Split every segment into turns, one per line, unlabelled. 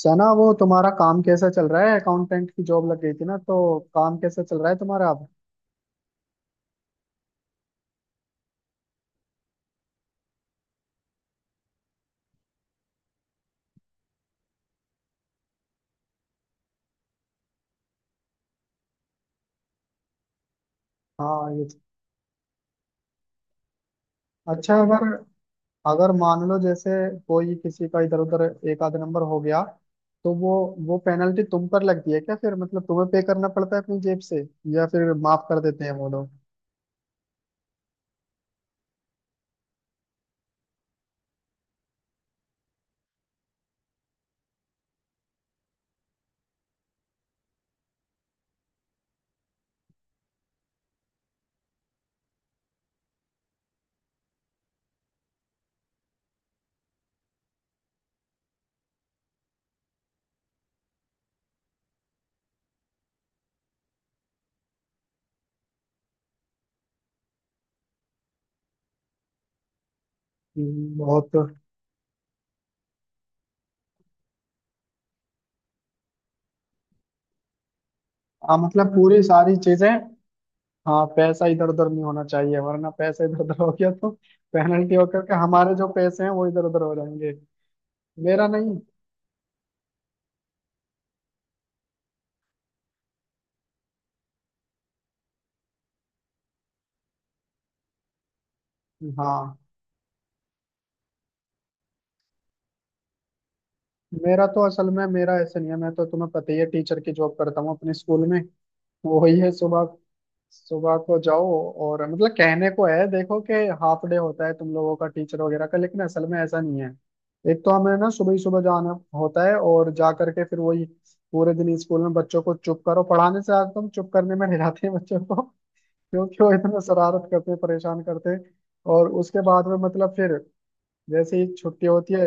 सना, वो तुम्हारा काम कैसा चल रहा है? अकाउंटेंट की जॉब लग गई थी ना, तो काम कैसा चल रहा है तुम्हारा अब? हाँ ये। अच्छा, अगर अगर मान लो जैसे कोई किसी का इधर उधर एक आध नंबर हो गया तो वो पेनल्टी तुम पर लगती है क्या? फिर मतलब तुम्हें पे करना पड़ता है अपनी जेब से, या फिर माफ कर देते हैं वो लोग? बहुत। हाँ मतलब पूरी सारी चीजें। हाँ, पैसा इधर उधर नहीं होना चाहिए, वरना पैसा इधर उधर हो गया तो पेनल्टी होकर के हमारे जो पैसे हैं वो इधर उधर हो जाएंगे। मेरा नहीं। हाँ, मेरा तो असल में मेरा ऐसे नहीं है। मैं तो, तुम्हें पता ही है, टीचर की जॉब करता हूँ अपने स्कूल में। वो वही है, सुबह सुबह को जाओ। और मतलब कहने को है, देखो कि हाफ डे होता है तुम लोगों का, टीचर वगैरह का, लेकिन असल में ऐसा नहीं है। एक तो हमें ना सुबह ही सुबह जाना होता है, और जा करके फिर वही पूरे दिन स्कूल में बच्चों को चुप करो। पढ़ाने से आज तुम चुप करने में हिलाते हैं बच्चों को क्योंकि वो इतना शरारत करते हैं, परेशान करते हैं। और उसके बाद में मतलब फिर जैसे ही छुट्टी होती है।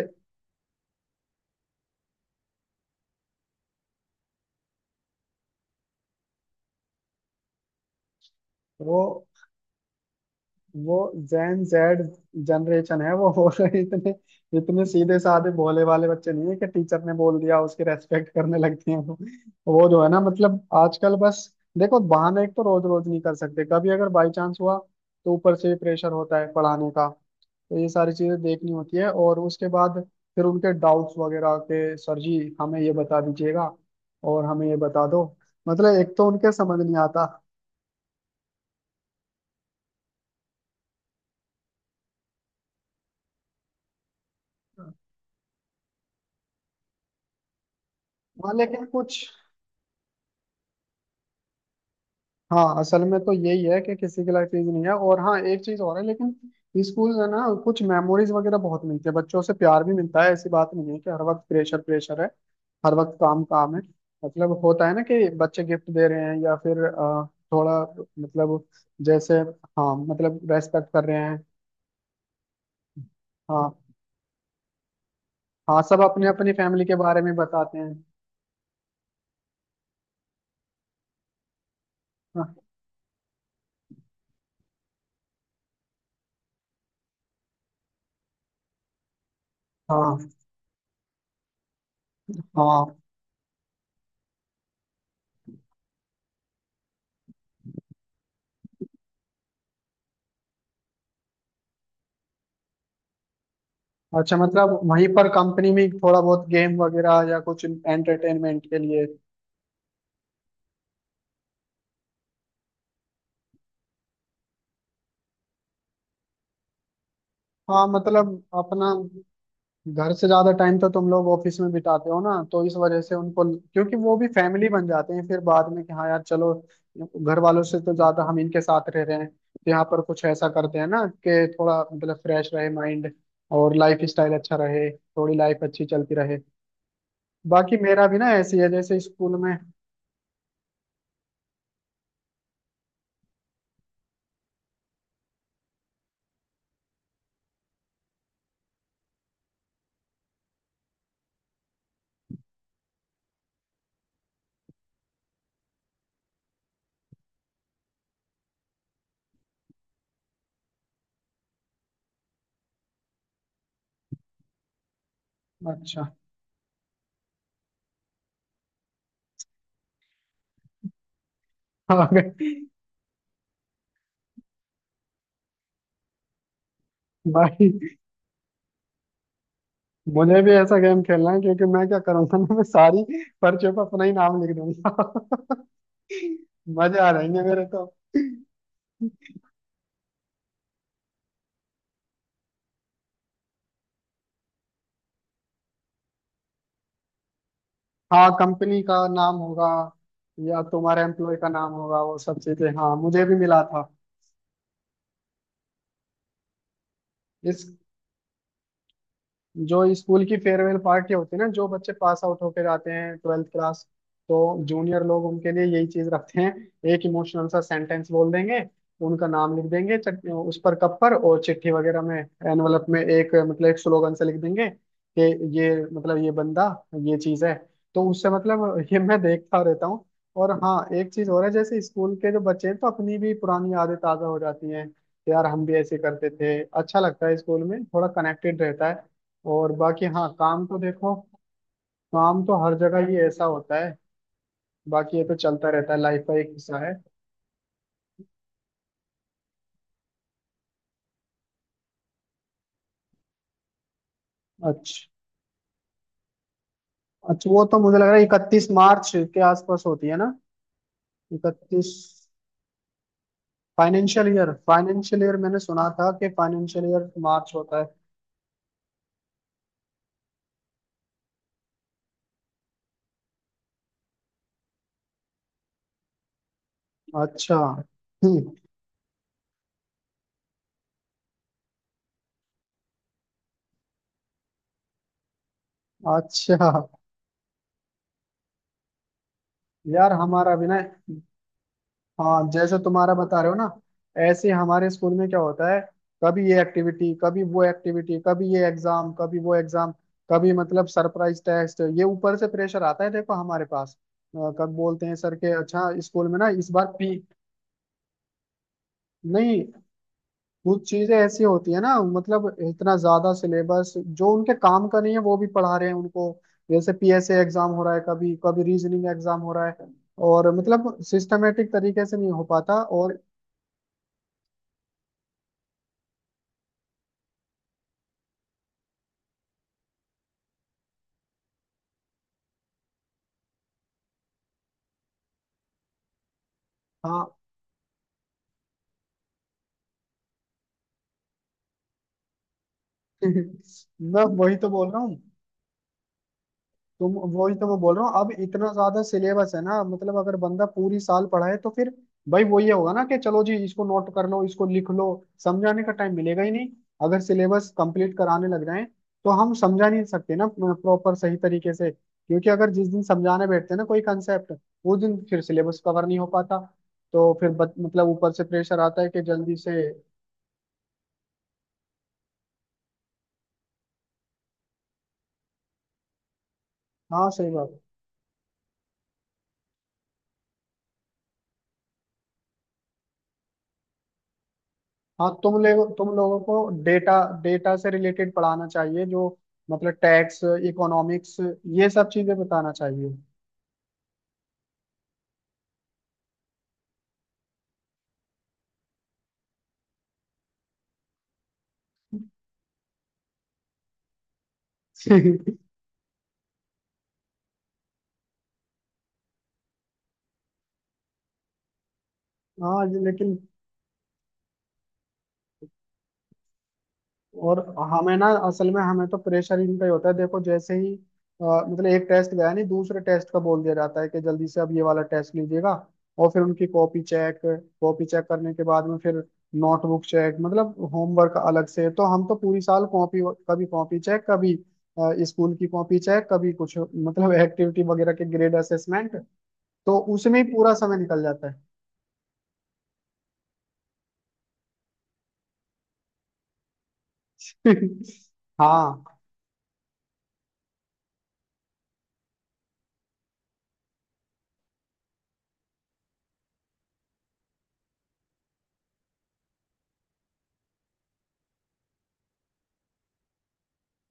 वो वो जेन जेड जनरेशन है, वो हो रहे, इतने इतने सीधे साधे भोले वाले बच्चे नहीं है कि टीचर ने बोल दिया उसकी रेस्पेक्ट करने लगते हैं। वो जो है ना, मतलब आजकल बस, देखो बहाना एक तो रोज रोज नहीं कर सकते। कभी अगर बाई चांस हुआ तो ऊपर से भी प्रेशर होता है पढ़ाने का। तो ये सारी चीजें देखनी होती है, और उसके बाद फिर उनके डाउट्स वगैरह के, सर जी हमें ये बता दीजिएगा, और हमें ये बता दो। मतलब एक तो उनके समझ नहीं आता। हाँ, लेकिन कुछ। हाँ असल में तो यही है कि किसी की लाइफ इजी नहीं है। और हाँ एक चीज और है, लेकिन स्कूल है ना, कुछ मेमोरीज वगैरह बहुत मिलती है, बच्चों से प्यार भी मिलता है। ऐसी बात नहीं है कि हर वक्त प्रेशर प्रेशर है, हर वक्त काम काम है। मतलब होता है ना कि बच्चे गिफ्ट दे रहे हैं या फिर थोड़ा मतलब, जैसे हाँ मतलब रेस्पेक्ट कर रहे हैं। हाँ। हाँ सब अपने अपनी फैमिली के बारे में बताते हैं। हाँ हाँ, हाँ। अच्छा, मतलब वहीं पर कंपनी में थोड़ा बहुत गेम वगैरह या कुछ एंटरटेनमेंट के लिए? हाँ मतलब अपना, घर से ज्यादा टाइम तो तुम लोग ऑफिस में बिताते हो ना, तो इस वजह से उनको, क्योंकि वो भी फैमिली बन जाते हैं फिर बाद में। कि हाँ यार चलो, घर वालों से तो ज्यादा हम इनके साथ रह रहे हैं, तो यहाँ पर कुछ ऐसा करते हैं ना कि थोड़ा मतलब फ्रेश रहे माइंड, और लाइफ स्टाइल अच्छा रहे, थोड़ी लाइफ अच्छी चलती रहे। बाकी मेरा भी ना ऐसी है जैसे स्कूल में। अच्छा। हाँ भाई, मुझे भी ऐसा गेम खेलना है, क्योंकि मैं क्या करूंगा ना, मैं सारी पर्चियों पर अपना ही नाम लिख दूंगा। मजे आ जाएंगे मेरे तो। हाँ कंपनी का नाम होगा या तुम्हारे एम्प्लॉय का नाम होगा, वो सब चीजें, हाँ मुझे भी मिला था। इस जो स्कूल की फेयरवेल पार्टी होती है ना, जो बच्चे पास आउट होकर जाते हैं ट्वेल्थ क्लास, तो जूनियर लोग उनके लिए यही चीज रखते हैं। एक इमोशनल सा सेंटेंस बोल देंगे, उनका नाम लिख देंगे उस पर, कप पर, और चिट्ठी वगैरह में, एनवलप में, एक मतलब एक स्लोगन से लिख देंगे कि ये, मतलब ये बंदा ये चीज है। तो उससे मतलब ये मैं देखता रहता हूँ। और हाँ एक चीज और है, जैसे स्कूल के जो बच्चे हैं तो अपनी भी पुरानी यादें ताजा हो जाती हैं कि यार हम भी ऐसे करते थे। अच्छा लगता है, स्कूल में थोड़ा कनेक्टेड रहता है। और बाकी हाँ काम तो देखो, काम तो हर जगह ही ऐसा होता है। बाकी ये तो चलता रहता है, लाइफ का एक हिस्सा है। अच्छा। अच्छा वो तो मुझे लग रहा है इकतीस मार्च के आसपास होती है ना? इकतीस। फाइनेंशियल ईयर, फाइनेंशियल ईयर मैंने सुना था कि फाइनेंशियल ईयर मार्च होता है। अच्छा। हम्म। अच्छा। यार हमारा भी ना, हाँ जैसे तुम्हारा बता रहे हो ना, ऐसे हमारे स्कूल में क्या होता है, कभी ये एक्टिविटी कभी वो एक्टिविटी, कभी ये एग्जाम कभी वो एग्जाम, कभी मतलब सरप्राइज टेस्ट, ये ऊपर से प्रेशर आता है। देखो हमारे पास, कब बोलते हैं सर के, अच्छा स्कूल में ना इस बार पी। नहीं, कुछ चीजें ऐसी होती है ना मतलब इतना ज्यादा सिलेबस जो उनके काम का नहीं है वो भी पढ़ा रहे हैं उनको। जैसे पीएसए एग्जाम हो रहा है, कभी कभी रीजनिंग एग्जाम हो रहा है। और मतलब सिस्टमेटिक तरीके से नहीं हो पाता। और हाँ मैं वही तो बोल रहा हूँ। तुम वही तो, मैं बोल रहा हूँ अब इतना ज्यादा सिलेबस है ना। मतलब अगर बंदा पूरी साल पढ़ाए तो फिर भाई वो ये होगा ना कि चलो जी इसको नोट कर लो, इसको लिख लो, समझाने का टाइम मिलेगा ही नहीं। अगर सिलेबस कंप्लीट कराने लग जाए तो हम समझा नहीं सकते ना प्रॉपर सही तरीके से, क्योंकि अगर जिस दिन समझाने बैठते हैं ना कोई कंसेप्ट, वो दिन फिर सिलेबस कवर नहीं हो पाता। तो फिर मतलब ऊपर से प्रेशर आता है कि जल्दी से। हाँ सही बात। हाँ तुम लोगों को डेटा, डेटा से रिलेटेड पढ़ाना चाहिए, जो मतलब टैक्स, इकोनॉमिक्स, ये सब चीजें बताना चाहिए। हाँ लेकिन, और हमें ना असल में हमें तो प्रेशर इनका ही होता है। देखो जैसे ही मतलब एक टेस्ट गया नहीं, दूसरे टेस्ट का बोल दिया जाता है कि जल्दी से अब ये वाला टेस्ट लीजिएगा। और फिर उनकी कॉपी चेक, कॉपी चेक करने के बाद में फिर नोटबुक चेक, मतलब होमवर्क अलग से। तो हम तो पूरी साल कॉपी, कभी कॉपी चेक, कभी स्कूल की कॉपी चेक, कभी कुछ मतलब एक्टिविटी वगैरह के ग्रेड असेसमेंट, तो उसमें ही पूरा समय निकल जाता है। हाँ।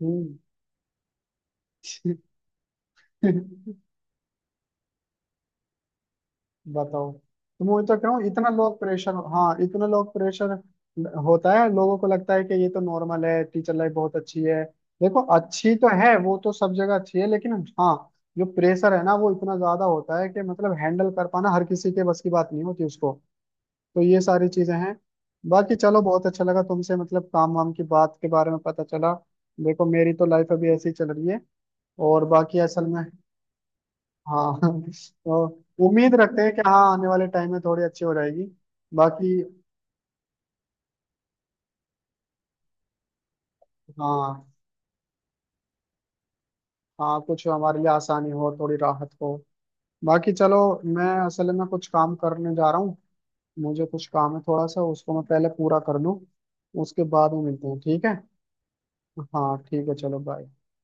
हम्म। बताओ, तो मैं वही तो कह रहा हूँ इतना लोग प्रेशर, हाँ इतना लोग प्रेशर होता है। लोगों को लगता है कि ये तो नॉर्मल है, टीचर लाइफ बहुत अच्छी है। देखो अच्छी तो है, वो तो सब जगह अच्छी है, लेकिन हाँ जो प्रेशर है ना वो इतना ज्यादा होता है कि मतलब हैंडल कर पाना हर किसी के बस की बात नहीं होती उसको। तो ये सारी चीजें हैं। बाकी चलो, बहुत अच्छा लगा तुमसे मतलब काम वाम की बात के बारे में पता चला। देखो मेरी तो लाइफ अभी ऐसी चल रही है, और बाकी असल में। हाँ तो उम्मीद रखते हैं कि हाँ आने वाले टाइम में थोड़ी अच्छी हो जाएगी। बाकी हाँ, हाँ कुछ हमारे लिए आसानी हो, थोड़ी राहत हो। बाकी चलो, मैं असल में कुछ काम करने जा रहा हूँ। मुझे कुछ काम है थोड़ा सा, उसको मैं पहले पूरा कर लूँ, उसके बाद में मिलते हैं, ठीक है? हाँ ठीक है, चलो बाय।